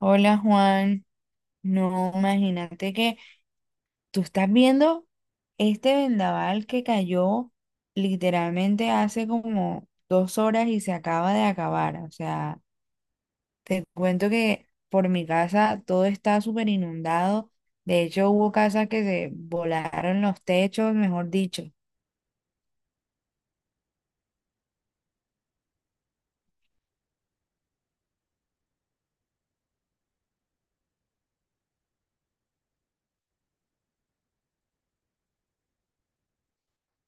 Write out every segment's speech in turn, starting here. Hola Juan, no, imagínate que tú estás viendo este vendaval que cayó literalmente hace como 2 horas y se acaba de acabar. O sea, te cuento que por mi casa todo está súper inundado. De hecho, hubo casas que se volaron los techos, mejor dicho.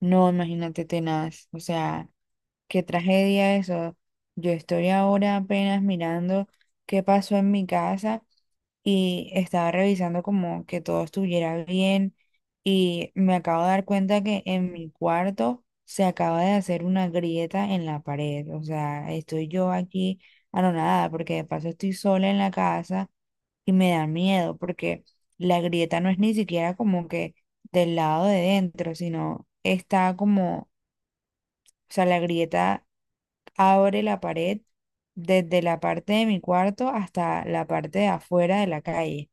No, imagínate tenaz. O sea, qué tragedia eso. Yo estoy ahora apenas mirando qué pasó en mi casa, y estaba revisando como que todo estuviera bien y me acabo de dar cuenta que en mi cuarto se acaba de hacer una grieta en la pared. O sea, estoy yo aquí anonadada porque de paso estoy sola en la casa y me da miedo porque la grieta no es ni siquiera como que del lado de dentro, sino está como, o sea, la grieta abre la pared desde la parte de mi cuarto hasta la parte de afuera de la calle.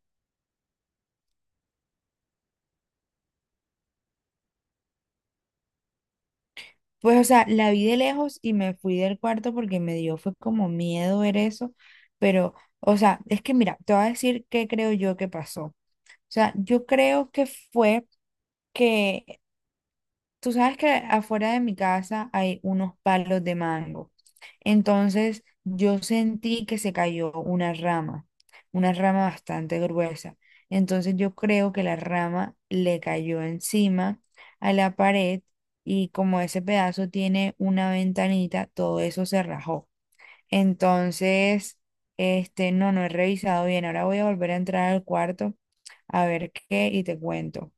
Pues, o sea, la vi de lejos y me fui del cuarto porque me dio, fue como miedo ver eso, pero, o sea, es que mira, te voy a decir qué creo yo que pasó. O sea, yo creo que fue que tú sabes que afuera de mi casa hay unos palos de mango. Entonces yo sentí que se cayó una rama bastante gruesa. Entonces yo creo que la rama le cayó encima a la pared y como ese pedazo tiene una ventanita, todo eso se rajó. Entonces, este, no he revisado bien. Ahora voy a volver a entrar al cuarto a ver qué y te cuento.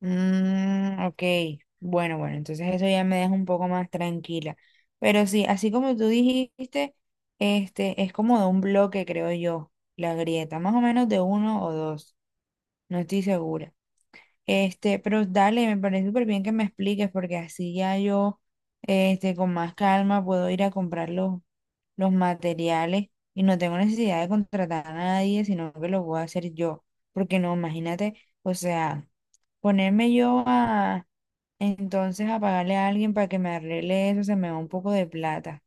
Mm, ok, bueno, bueno, entonces eso ya me deja un poco más tranquila. Pero sí, así como tú dijiste, este es como de un bloque, creo yo, la grieta, más o menos de uno o dos, no estoy segura. Este, pero dale, me parece súper bien que me expliques, porque así ya yo, este, con más calma puedo ir a comprar los materiales y no tengo necesidad de contratar a nadie, sino que lo voy a hacer yo. Porque no, imagínate, o sea, ponerme yo a entonces, a pagarle a alguien para que me arregle eso, se me va un poco de plata.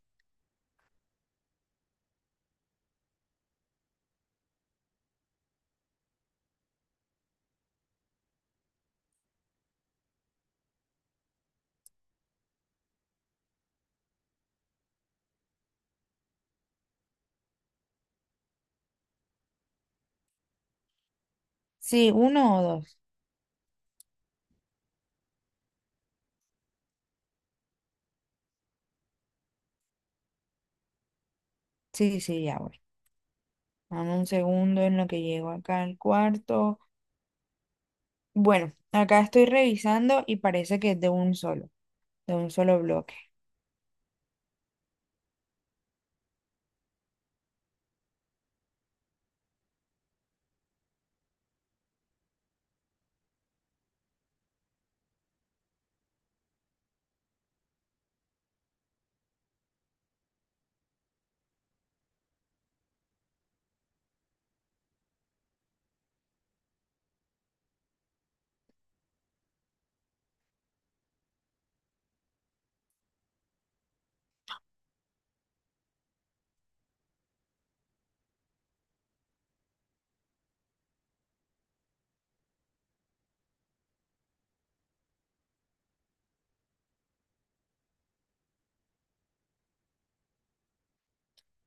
Sí, uno o dos. Sí, sí, ya voy. Dame un segundo en lo que llego acá al cuarto. Bueno, acá estoy revisando y parece que es de un solo bloque.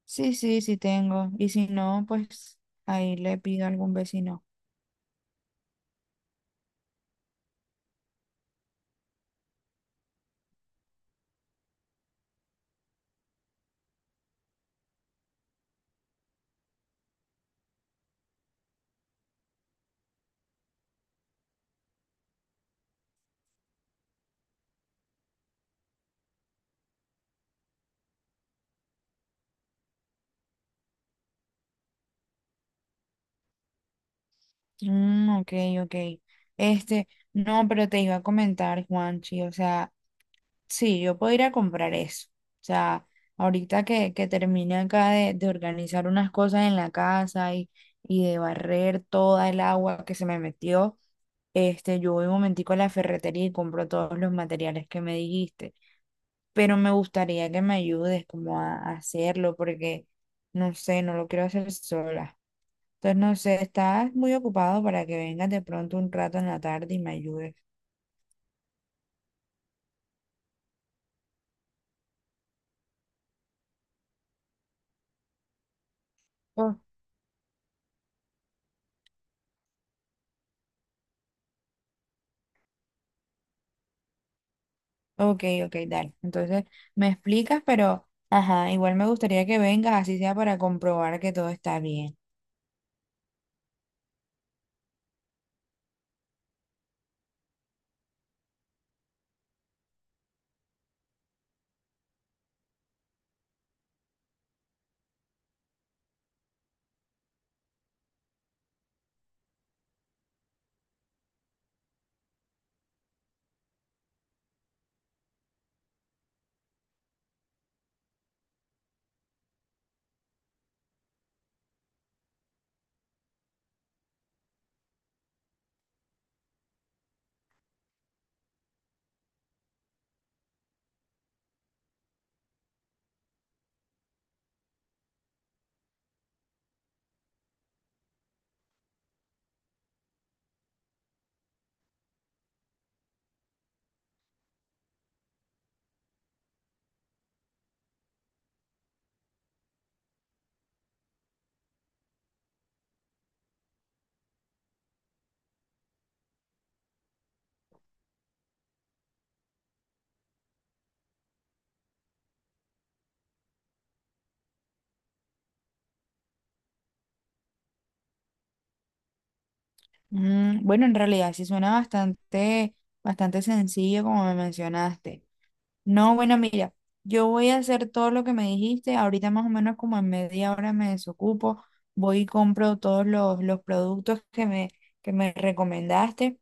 Sí, sí, sí tengo. Y si no, pues ahí le pido a algún vecino. Mm, ok, ok. Este, no, pero te iba a comentar, Juanchi, o sea. Sí, yo puedo ir a comprar eso. O sea, ahorita que termine acá de organizar unas cosas en la casa y de barrer toda el agua que se me metió, este, yo voy un momentico a la ferretería y compro todos los materiales que me dijiste. Pero me gustaría que me ayudes como a hacerlo porque, no sé, no lo quiero hacer sola. Entonces, no sé, estás muy ocupado para que vengas de pronto un rato en la tarde y me ayudes. Ok, ok, dale. Entonces me explicas, pero ajá, igual me gustaría que vengas, así sea para comprobar que todo está bien. Mm, bueno, en realidad sí suena bastante, bastante sencillo como me mencionaste. No, bueno, mira, yo voy a hacer todo lo que me dijiste. Ahorita más o menos como en media hora me desocupo. Voy y compro todos los productos que me recomendaste.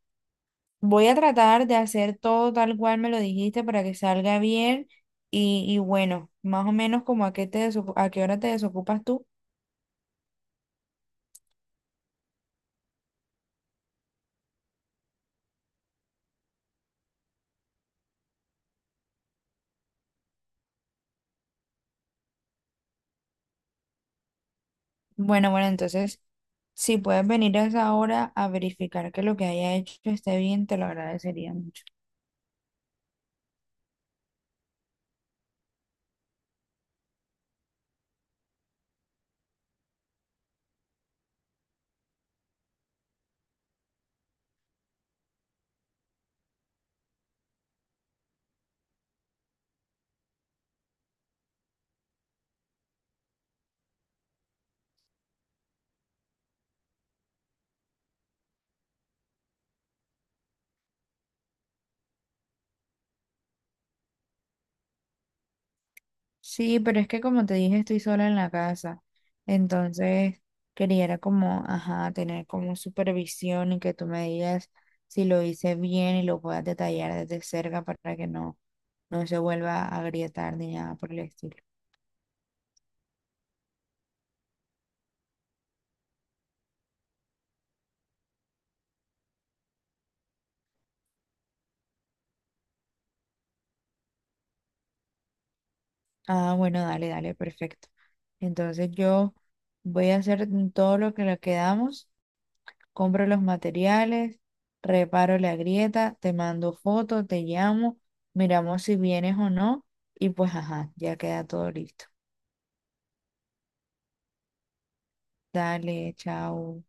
Voy a tratar de hacer todo tal cual me lo dijiste para que salga bien y bueno, más o menos como a qué hora te desocupas tú. Bueno, bueno, entonces si puedes venir a esa hora a verificar que lo que haya hecho esté bien, te lo agradecería mucho. Sí, pero es que como te dije, estoy sola en la casa, entonces quería era como, ajá, tener como supervisión y que tú me digas si lo hice bien y lo puedas detallar desde cerca para que no se vuelva a agrietar ni nada por el estilo. Ah, bueno, dale, dale, perfecto. Entonces yo voy a hacer todo lo que le quedamos, compro los materiales, reparo la grieta, te mando fotos, te llamo, miramos si vienes o no y pues ajá, ya queda todo listo. Dale, chao.